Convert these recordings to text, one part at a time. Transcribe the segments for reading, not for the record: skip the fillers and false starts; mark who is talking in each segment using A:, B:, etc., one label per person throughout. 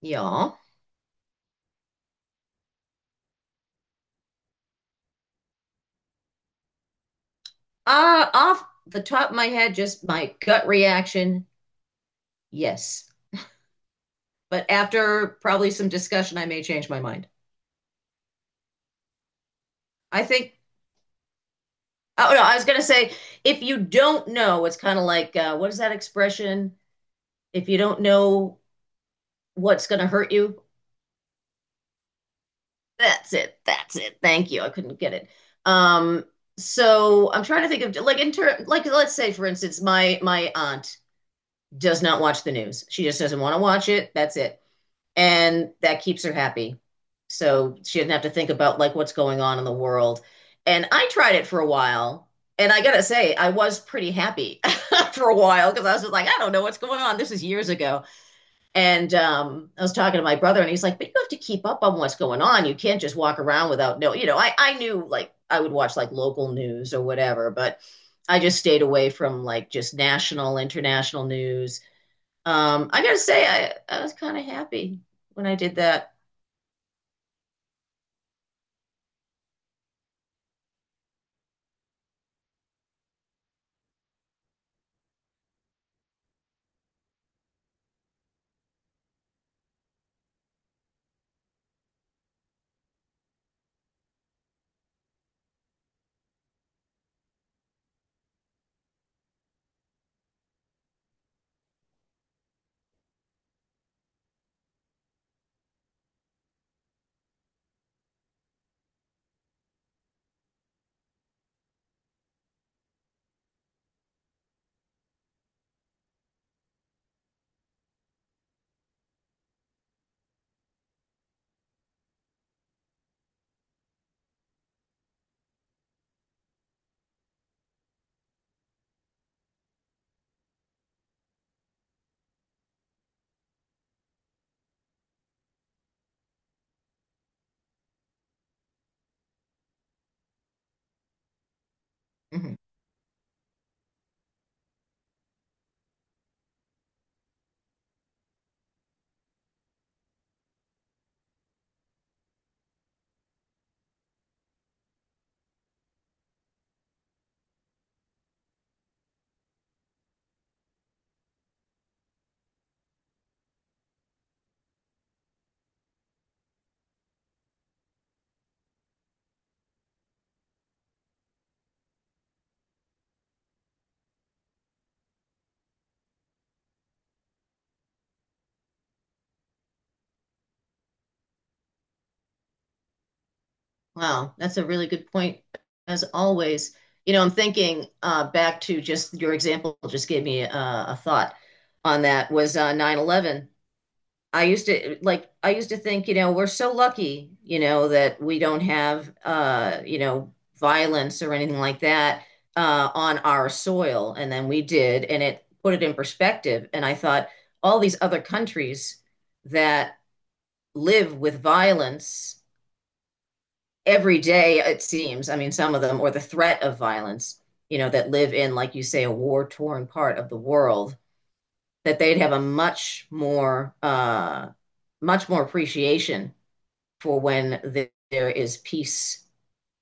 A: Y'all. Off the top of my head, just my gut reaction, yes. But after probably some discussion, I may change my mind. I think, oh no, I was going to say, if you don't know, it's kind of like, what is that expression? If you don't know what's going to hurt you, that's it. That's it. Thank you. I couldn't get it. Um, so I'm trying to think of like like let's say for instance, my aunt does not watch the news. She just doesn't want to watch it. That's it. And that keeps her happy. So she doesn't have to think about like what's going on in the world. And I tried it for a while, and I gotta say, I was pretty happy for a while because I was just like, I don't know what's going on. This is years ago, and I was talking to my brother, and he's like, but you have to keep up on what's going on. You can't just walk around without no. You know, I knew like I would watch like local news or whatever, but I just stayed away from like just national, international news. I gotta say, I was kind of happy when I did that. Mhm. Wow, that's a really good point, as always. You know, I'm thinking back to just your example, just gave me a thought on that was 9/11. I used to think, you know, we're so lucky, you know, that we don't have, you know, violence or anything like that on our soil. And then we did, and it put it in perspective. And I thought, all these other countries that live with violence every day, it seems. I mean, some of them, or the threat of violence, you know, that live in, like you say, a war-torn part of the world, that they'd have a much more, much more appreciation for when there is peace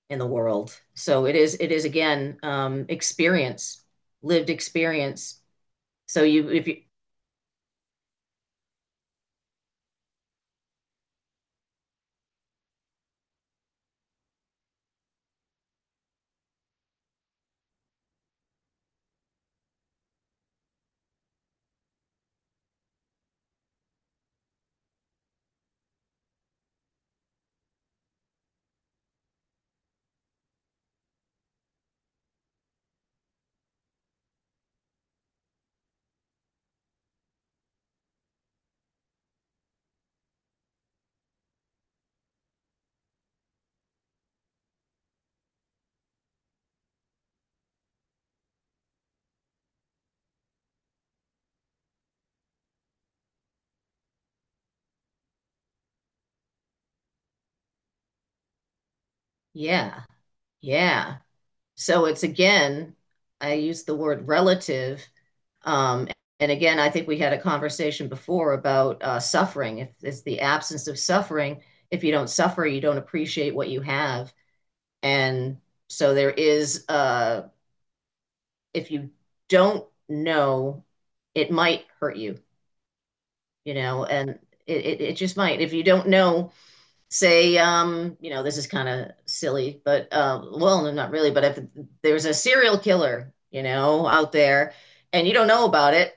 A: in the world. So it is again, experience, lived experience. So you, if you, yeah, yeah. So it's again, I use the word relative. Um, and again, I think we had a conversation before about suffering. If it's the absence of suffering, if you don't suffer, you don't appreciate what you have. And so there is, if you don't know, it might hurt you, you know, and it just might. If you don't know, say, you know, this is kind of silly, but well, no, not really, but if there's a serial killer, you know, out there and you don't know about it,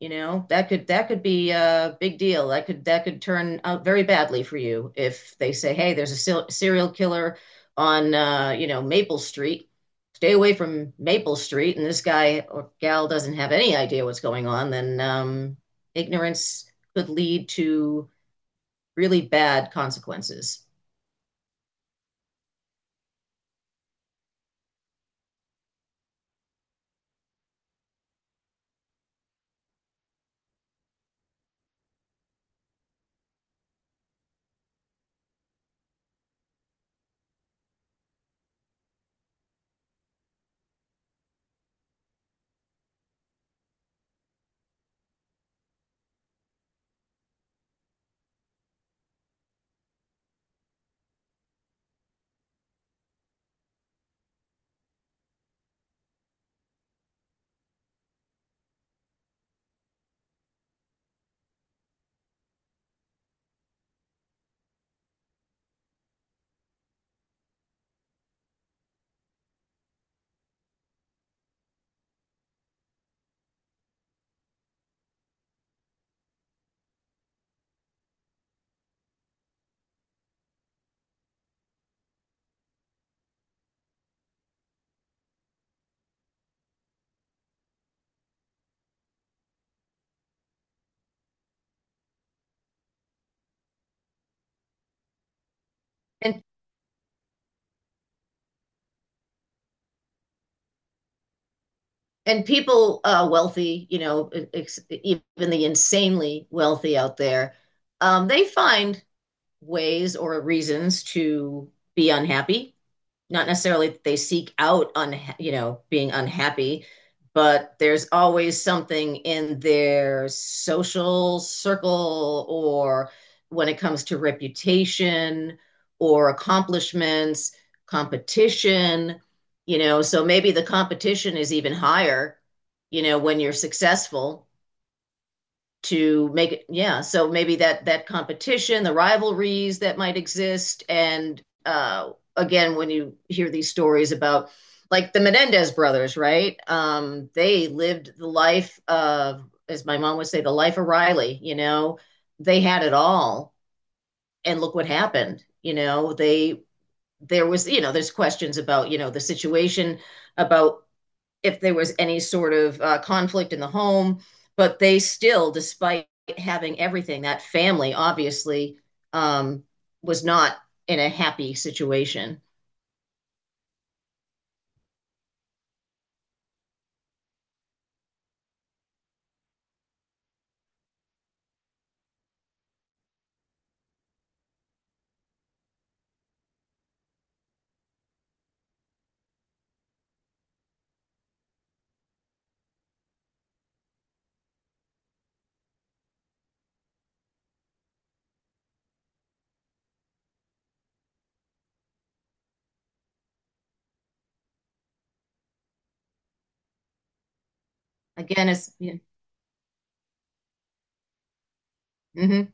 A: you know, that could be a big deal. That could turn out very badly for you if they say, "Hey, there's a serial killer on you know, Maple Street. Stay away from Maple Street." And this guy or gal doesn't have any idea what's going on, then ignorance could lead to really bad consequences. And and people wealthy, you know, ex even the insanely wealthy out there, they find ways or reasons to be unhappy. Not necessarily that they seek out you know being unhappy, but there's always something in their social circle or when it comes to reputation or accomplishments, competition, you know, so maybe the competition is even higher, you know, when you're successful to make it. Yeah, so maybe that competition, the rivalries that might exist, and uh, again when you hear these stories about like the Menendez brothers, right? They lived the life of, as my mom would say, the life of Riley, you know, they had it all and look what happened. You know, they there was, you know, there's questions about, you know, the situation about if there was any sort of conflict in the home. But they still, despite having everything, that family obviously um, was not in a happy situation. Again, it's yeah, mhm.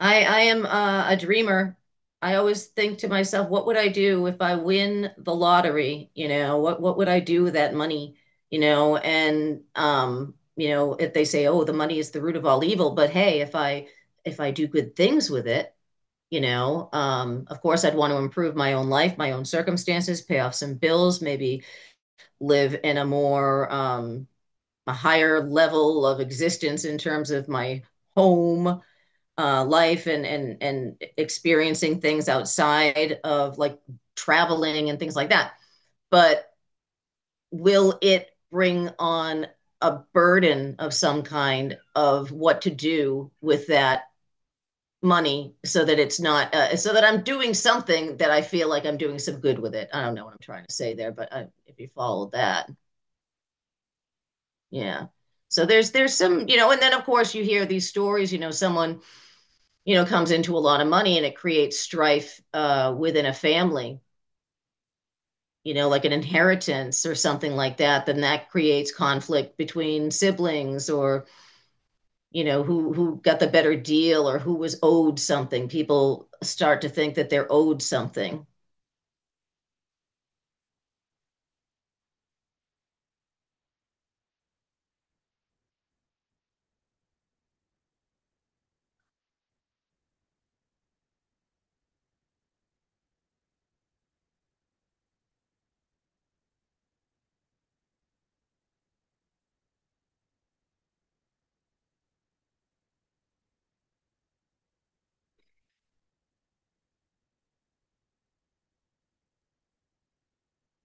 A: I am a dreamer. I always think to myself, what would I do if I win the lottery? You know, what would I do with that money? You know, and you know, if they say, oh, the money is the root of all evil, but hey, if I do good things with it, you know, of course, I'd want to improve my own life, my own circumstances, pay off some bills, maybe live in a more a higher level of existence in terms of my home life and and experiencing things outside of like traveling and things like that. But will it bring on a burden of some kind of what to do with that money so that it's not, so that I'm doing something that I feel like I'm doing some good with it. I don't know what I'm trying to say there, but uh, if you followed that, yeah. So there's some, you know, and then of course you hear these stories, you know, someone, you know, comes into a lot of money and it creates strife within a family, you know, like an inheritance or something like that, then that creates conflict between siblings, or, you know, who got the better deal or who was owed something. People start to think that they're owed something.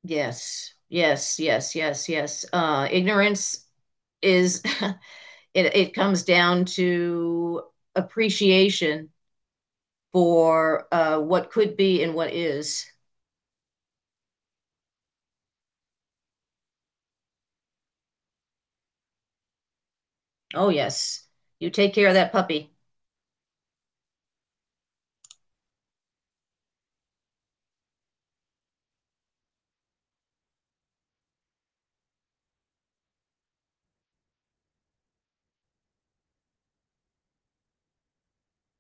A: Yes, yes, yes, yes, yes. Ignorance is it comes down to appreciation for what could be and what is. Oh, yes. You take care of that puppy.